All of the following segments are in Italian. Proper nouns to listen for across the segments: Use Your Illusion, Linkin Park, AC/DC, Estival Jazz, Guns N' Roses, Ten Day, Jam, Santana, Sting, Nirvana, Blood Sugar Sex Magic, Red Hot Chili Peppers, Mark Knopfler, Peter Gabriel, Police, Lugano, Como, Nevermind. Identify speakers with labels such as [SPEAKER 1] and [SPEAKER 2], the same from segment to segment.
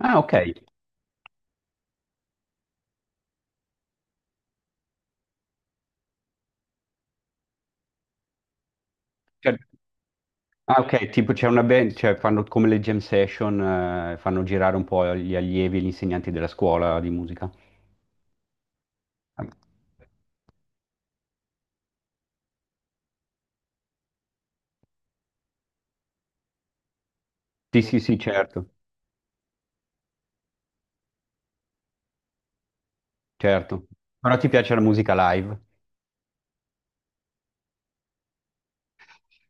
[SPEAKER 1] Ah, ok. Cioè- ah, ok, tipo c'è una band, cioè fanno come le jam session, fanno girare un po' gli allievi e gli insegnanti della scuola di musica. Sì, sì, sì, certo, certo. Però ti piace la musica live?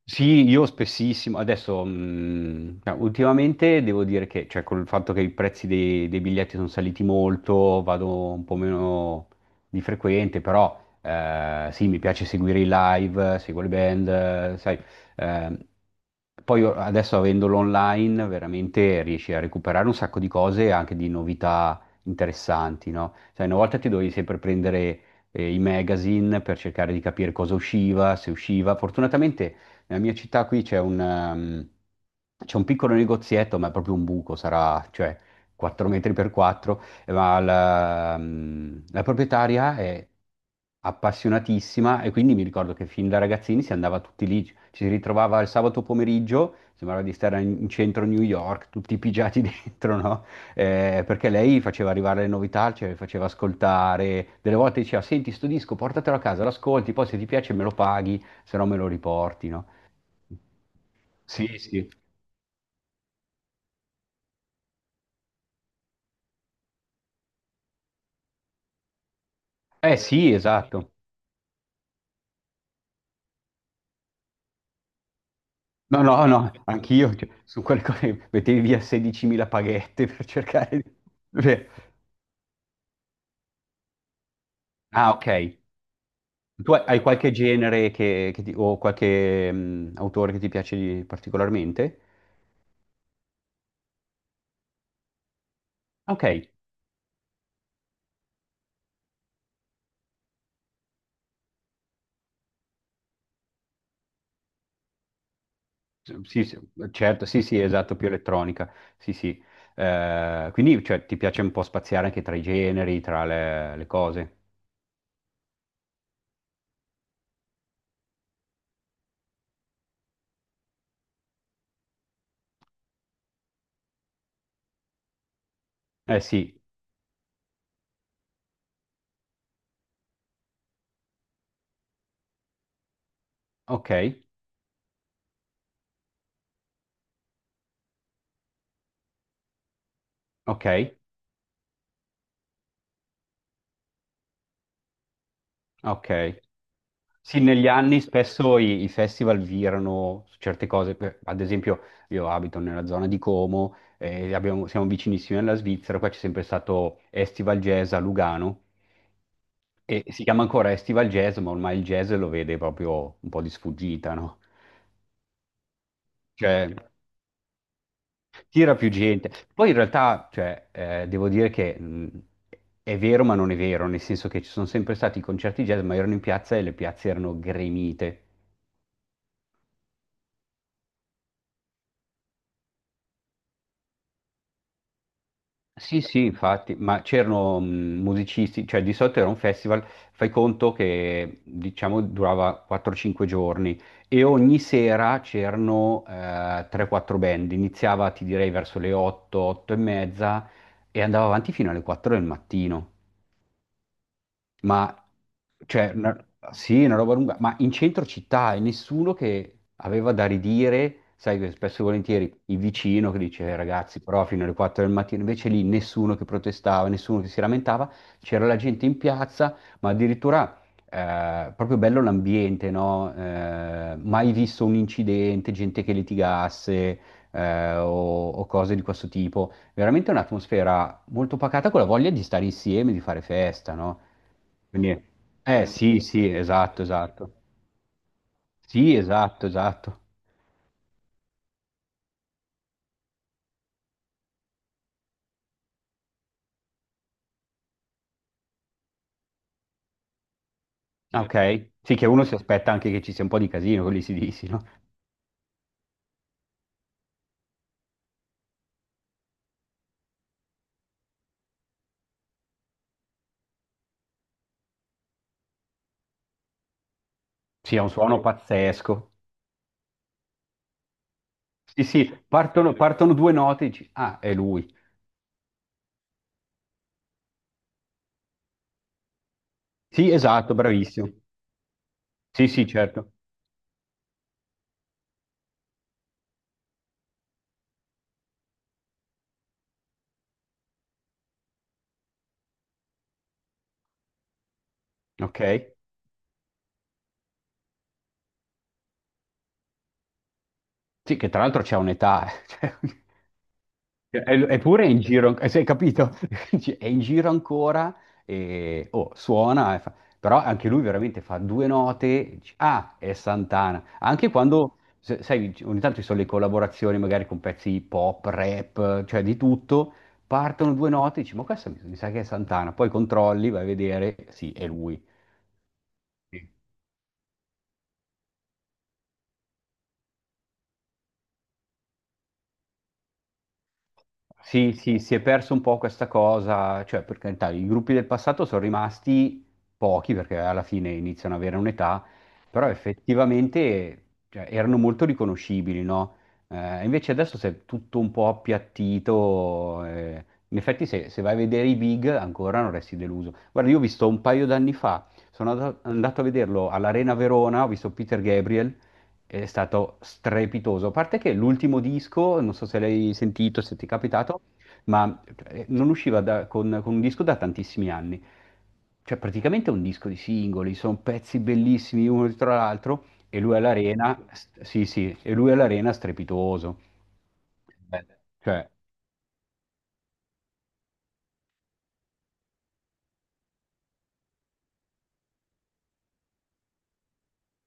[SPEAKER 1] Sì, io spessissimo. Adesso, no, ultimamente devo dire che, cioè, col fatto che i prezzi dei biglietti sono saliti molto, vado un po' meno di frequente, però sì, mi piace seguire i live, seguo le band, sai. eh, poi adesso avendolo online, veramente riesci a recuperare un sacco di cose e anche di novità interessanti, no? Sai, una volta ti dovevi sempre prendere i magazine per cercare di capire cosa usciva, se usciva. Fortunatamente nella mia città qui c'è un piccolo negozietto, ma è proprio un buco, sarà, cioè, 4 metri per 4, ma la proprietaria è appassionatissima e quindi mi ricordo che fin da ragazzini si andava tutti lì, ci si ritrovava il sabato pomeriggio, sembrava di stare in centro New York, tutti pigiati dentro, no? Perché lei faceva arrivare le novità, ce le faceva ascoltare, delle volte diceva, senti, sto disco, portatelo a casa, l'ascolti, poi se ti piace me lo paghi, se no me lo riporti, no? Sì, sì. Eh sì, esatto. No, no, no, anch'io, cioè, su quelle cose mettevi via 16.000 paghette per cercare di... Cioè, ah, ok. Tu hai qualche genere che, o qualche autore che ti piace particolarmente? Ok, sì, sì, certo, sì, sì, esatto, più elettronica, sì, sì. Quindi, cioè, ti piace un po' spaziare anche tra i generi, tra le cose? Eh sì, ok, ok, ok. Sì, negli anni spesso i festival virano su certe cose, ad esempio io abito nella zona di Como, siamo vicinissimi alla Svizzera, qua c'è sempre stato Estival Jazz a Lugano e si chiama ancora Estival Jazz, ma ormai il jazz lo vede proprio un po' di sfuggita, no? Cioè, tira più gente. Poi in realtà, cioè, devo dire che è vero ma non è vero, nel senso che ci sono sempre stati i concerti jazz, ma erano in piazza e le piazze erano gremite. Sì, sì, infatti, ma c'erano musicisti, cioè di solito era un festival, fai conto che diciamo durava 4-5 giorni e ogni sera c'erano 3-4 band, iniziava ti direi verso le 8, 8 e mezza e andava avanti fino alle 4 del mattino. Ma, cioè, sì, una roba lunga, ma in centro città e nessuno che aveva da ridire, sai che spesso e volentieri il vicino che dice, ragazzi, però fino alle 4 del mattino, invece lì nessuno che protestava, nessuno che si lamentava, c'era la gente in piazza, ma addirittura proprio bello l'ambiente, no? Mai visto un incidente, gente che litigasse o cose di questo tipo. Veramente un'atmosfera molto pacata con la voglia di stare insieme, di fare festa, no? Quindi, eh sì, sì, esatto, esatto. Sì, esatto, esatto. Ah, sì. Ok. Sì, che uno si aspetta anche che ci sia un po' di casino con gli AC/DC, no? Sì, ha un suono pazzesco. Sì, sì, partono due note e dici, ah, è lui. Sì, esatto, bravissimo. Sì, sì, certo. Ok. Sì, che tra l'altro c'è un'età. Eh. Cioè, E- eppure è in giro, cioè, hai capito? Dici, è in giro ancora e oh, suona, però anche lui veramente fa due note, dici, ah, è Santana. Anche quando, sai, ogni tanto ci sono le collaborazioni magari con pezzi pop, rap, cioè di tutto, partono due note, dici, ma questo mi sa che è Santana, poi controlli, vai a vedere, sì, è lui. Sì, sì, si è perso un po' questa cosa, cioè per carità, i gruppi del passato sono rimasti pochi perché alla fine iniziano ad avere un'età, però effettivamente cioè, erano molto riconoscibili, no? Invece adesso si è tutto un po' appiattito, in effetti se vai a vedere i big ancora non resti deluso. Guarda, io ho visto un paio d'anni fa, sono andato a vederlo all'Arena Verona, ho visto Peter Gabriel. È stato strepitoso. A parte che l'ultimo disco, non so se l'hai sentito, se ti è capitato, ma non usciva con un disco da tantissimi anni. Cioè, praticamente è un disco di singoli, sono pezzi bellissimi uno dietro l'altro, e lui all'arena, sì, sì, e lui all'arena strepitoso. Beh, cioè,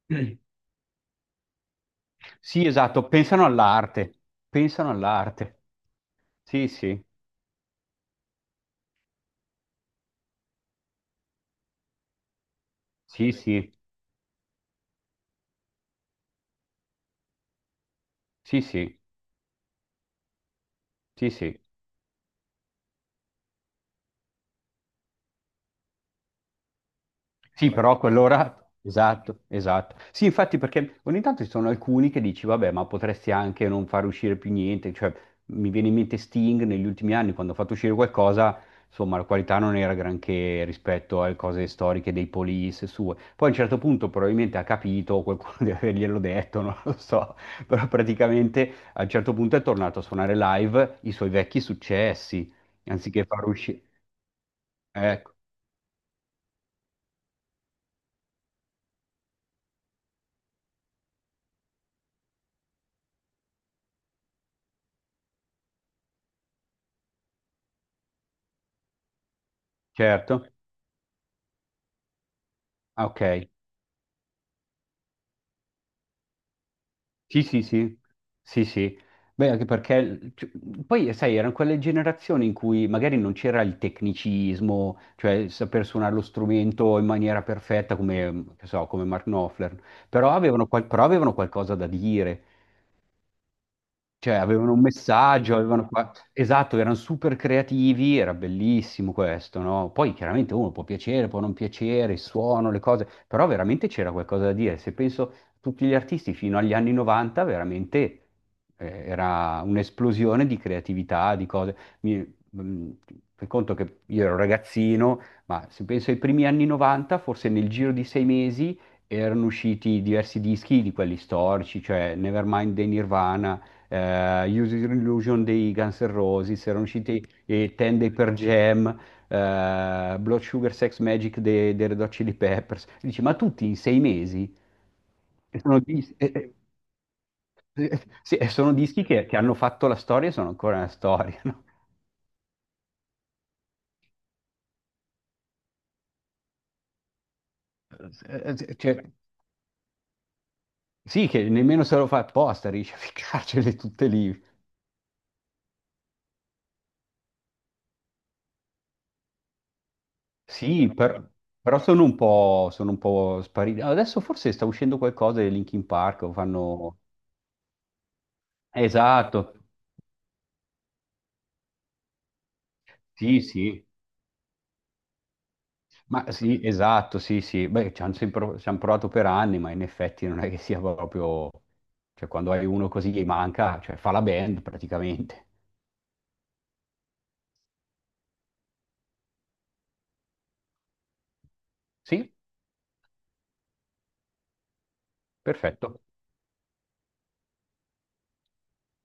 [SPEAKER 1] sì, esatto, pensano all'arte, pensano all'arte. Sì, sì, sì, sì, sì, sì, sì, sì. Sì, però a quell'ora... Esatto, esatto. Sì, infatti perché ogni tanto ci sono alcuni che dici, vabbè, ma potresti anche non far uscire più niente. Cioè, mi viene in mente Sting negli ultimi anni, quando ha fatto uscire qualcosa, insomma, la qualità non era granché rispetto alle cose storiche dei Police sue. Poi a un certo punto probabilmente ha capito, qualcuno deve averglielo detto, non lo so, però praticamente a un certo punto è tornato a suonare live i suoi vecchi successi, anziché far uscire... Ecco, certo. Ah, ok. Sì, sì, sì, sì, sì. Beh, anche perché cioè, poi, sai, erano quelle generazioni in cui magari non c'era il tecnicismo, cioè saper suonare lo strumento in maniera perfetta come, che so, come Mark Knopfler, però avevano qualcosa da dire, cioè, avevano un messaggio, avevano qua... Esatto, erano super creativi, era bellissimo questo, no? Poi chiaramente uno può piacere, può non piacere, il suono, le cose, però veramente c'era qualcosa da dire. Se penso a tutti gli artisti fino agli anni 90, veramente era un'esplosione di creatività, di cose. Fai conto che io ero ragazzino, ma se penso ai primi anni 90, forse nel giro di 6 mesi erano usciti diversi dischi di quelli storici, cioè Nevermind dei Nirvana, Use Your Illusion dei Guns N' Roses, erano usciti Ten Day per Jam, Blood Sugar Sex Magic dei Red Hot Chili Peppers. E dici, ma tutti in 6 mesi? E sono, dis- e- sì, e sono dischi che hanno fatto la storia e sono ancora nella storia, no? Eh, cioè, sì, che nemmeno se lo fa apposta, riesce a ficcarcele tutte lì. Sì, però sono un po' spariti. Adesso forse sta uscendo qualcosa di Linkin Park, o fanno. Esatto, sì, sì, ma sì, esatto, sì, sì, beh, ci han provato per anni, ma in effetti non è che sia proprio, cioè quando hai uno così gli manca, cioè fa la band praticamente. Sì, perfetto.